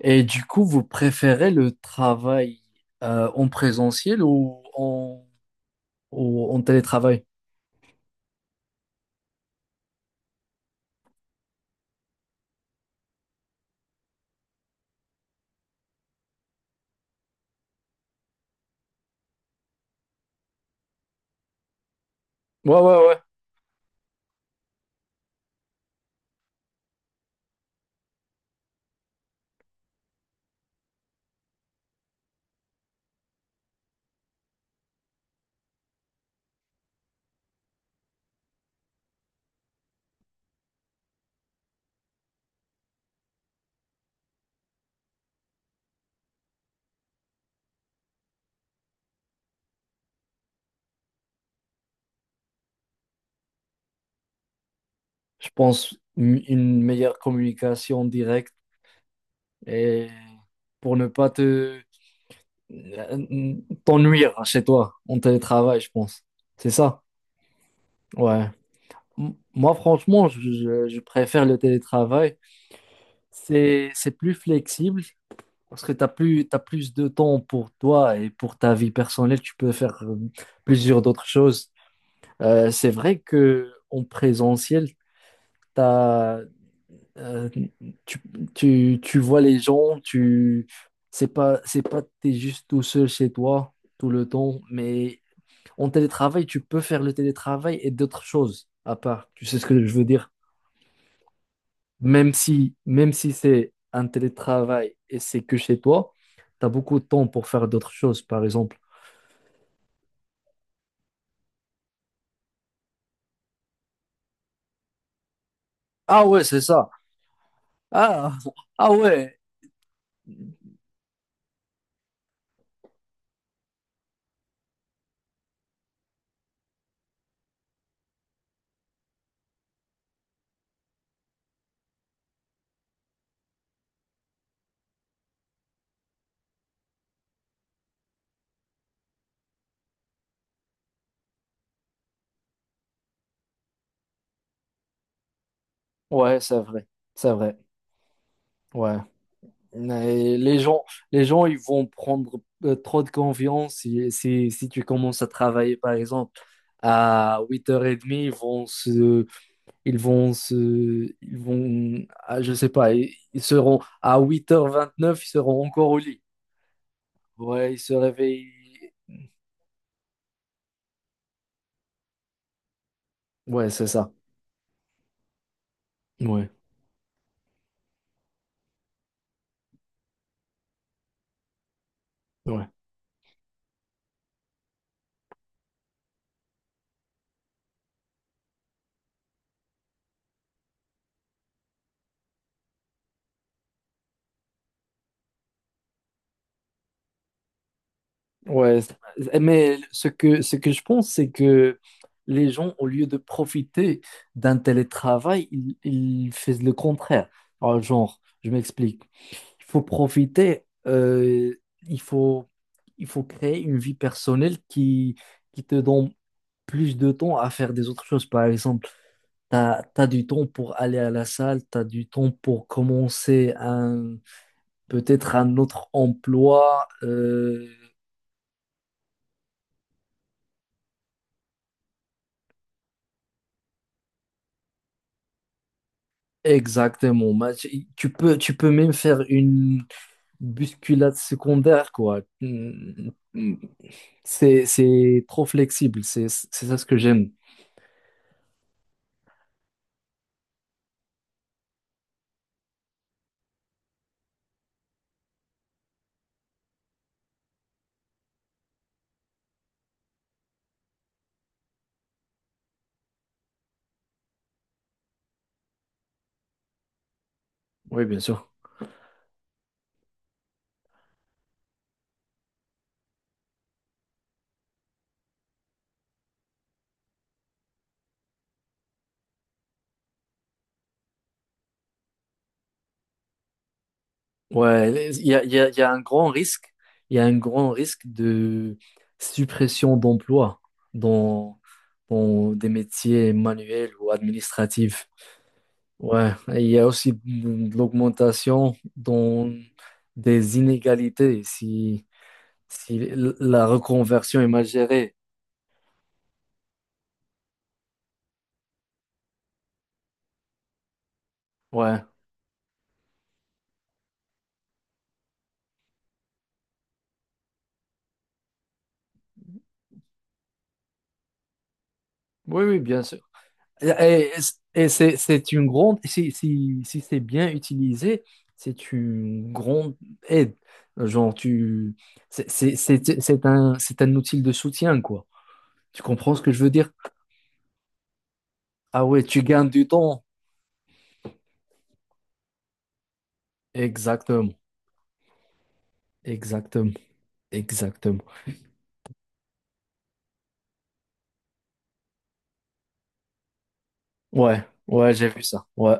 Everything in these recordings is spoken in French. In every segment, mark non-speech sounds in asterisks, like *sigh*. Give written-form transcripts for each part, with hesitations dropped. Et du coup, vous préférez le travail en présentiel ou en télétravail? Ouais, ouais, ouais. Je pense une meilleure communication directe et pour ne pas te euh, t'ennuyer chez toi en télétravail, je pense. C'est ça? Ouais. Moi, franchement, je préfère le télétravail. C'est plus flexible, parce que t'as plus de temps pour toi et pour ta vie personnelle, tu peux faire plusieurs d'autres choses. C'est vrai que en présentiel, t'as, euh, tu, tu vois les gens, c'est pas, t'es juste tout seul chez toi tout le temps, mais en télétravail, tu peux faire le télétravail et d'autres choses à part. Tu sais ce que je veux dire? Même si c'est un télétravail et c'est que chez toi, tu as beaucoup de temps pour faire d'autres choses. Par exemple, ah ouais, c'est ça. Ah, ah ouais. Ouais, c'est vrai. C'est vrai. Ouais. Mais les gens, ils vont prendre trop de confiance si tu commences à travailler, par exemple, à 8h30, ils vont se, ah, je sais pas, ils seront à 8h29, ils seront encore au lit. Ouais, ils se réveillent. Ouais, c'est ça. Ouais, ouais. Ouais, mais ce que je pense, c'est que les gens, au lieu de profiter d'un télétravail, ils font le contraire. Alors, genre, je m'explique. Il faut profiter, il faut, il faut créer une vie personnelle qui te donne plus de temps à faire des autres choses. Par exemple, tu as du temps pour aller à la salle, tu as du temps pour commencer peut-être un autre emploi. Exactement. Bah, tu peux même faire une bousculade secondaire, quoi. Mm, mm. C'est trop flexible. C'est ça ce que j'aime. Oui, bien sûr. Ouais, il y a un grand risque. Il y a un grand risque de suppression d'emplois dans, dans des métiers manuels ou administratifs. Ouais, et il y a aussi de l'augmentation dans des inégalités. Si la reconversion est mal gérée. Ouais. Oui, oui, bien sûr. Et, et- et c'est une grande, si c'est bien utilisé, c'est une grande aide. Genre, c'est un outil de soutien, quoi. Tu comprends ce que je veux dire? Ah ouais, tu gagnes du temps. Exactement, exactement, exactement. Ouais, ouais, j'ai vu ça. Ouais,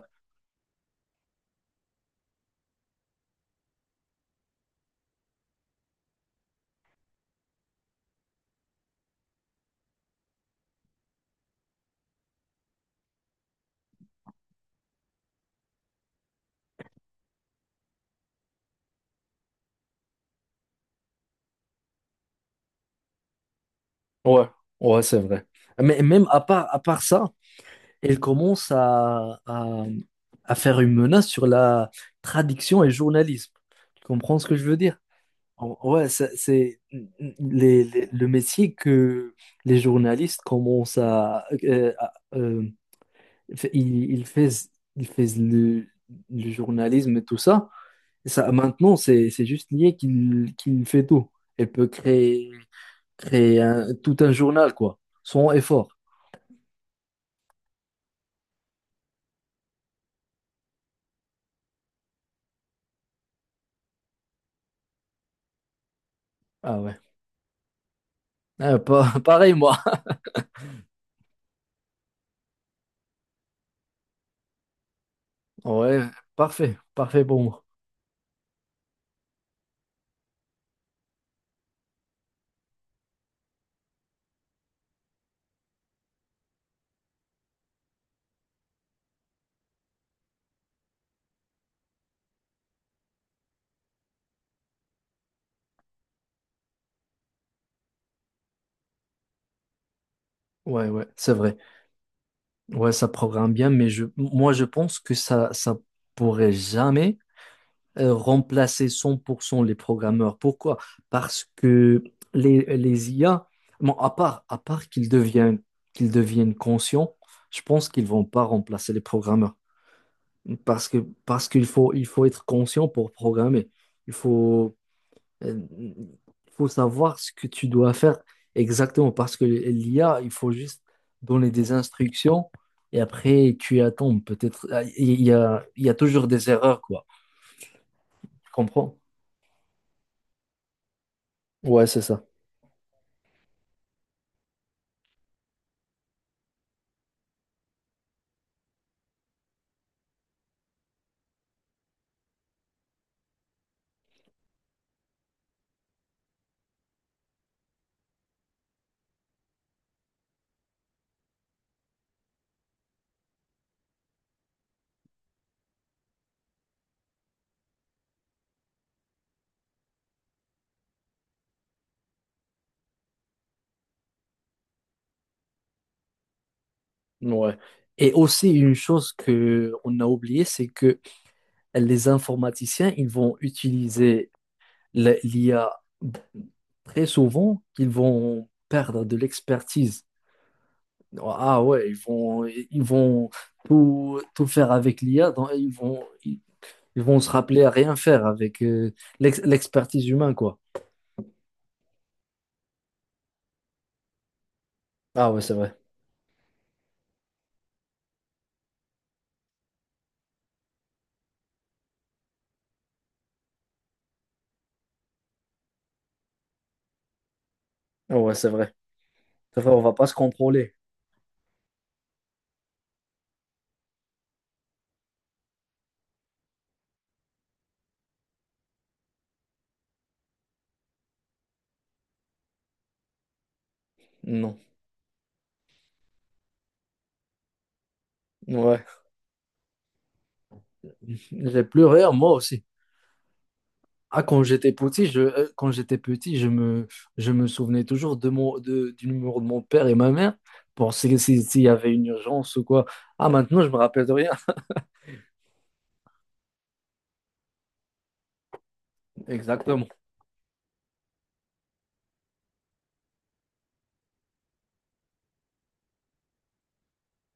ouais, ouais, c'est vrai. Mais même à part ça, elle commence à faire une menace sur la traduction et journalisme. Tu comprends ce que je veux dire? Ouais, le métier que les journalistes commencent. Fait- ils, ils fais- Ils fais le journalisme et tout ça. Et ça, maintenant, c'est juste lié qu'il fait tout. Elle peut créer tout un journal, quoi, sans effort. Ah ouais. Ah, *laughs* pareil, moi. Ouais, parfait, parfait pour moi. Ouais, ouais, c'est vrai. Ouais, ça programme bien, mais moi, je pense que ça pourrait jamais remplacer 100% les programmeurs. Pourquoi? Parce que les IA, bon, à part qu'ils deviennent conscients, je pense qu'ils vont pas remplacer les programmeurs. Parce que, parce qu'il faut être conscient pour programmer. Il faut Il faut savoir ce que tu dois faire exactement parce que l'IA, il faut juste donner des instructions et après tu attends. Peut-être ah, il y a toujours des erreurs, quoi. Tu comprends? Ouais, c'est ça. Ouais. Et aussi une chose que on a oublié, c'est que les informaticiens, ils vont utiliser l'IA très souvent, ils vont perdre de l'expertise. Ah ouais, ils vont tout, tout faire avec l'IA, donc ils vont se rappeler à rien faire avec l'expertise humaine, quoi. Ah ouais, c'est vrai. Ah ouais, c'est vrai. C'est vrai, on va pas se contrôler. Non. Ouais. J'ai pleuré, moi aussi. Ah, quand j'étais petit, je me souvenais toujours de du numéro de mon père et ma mère pour s'il y avait une urgence ou quoi. Ah, maintenant, je me rappelle de rien. Exactement.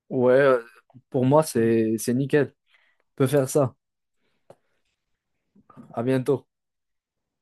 Ouais, pour moi, c'est nickel. Peut faire ça. À bientôt.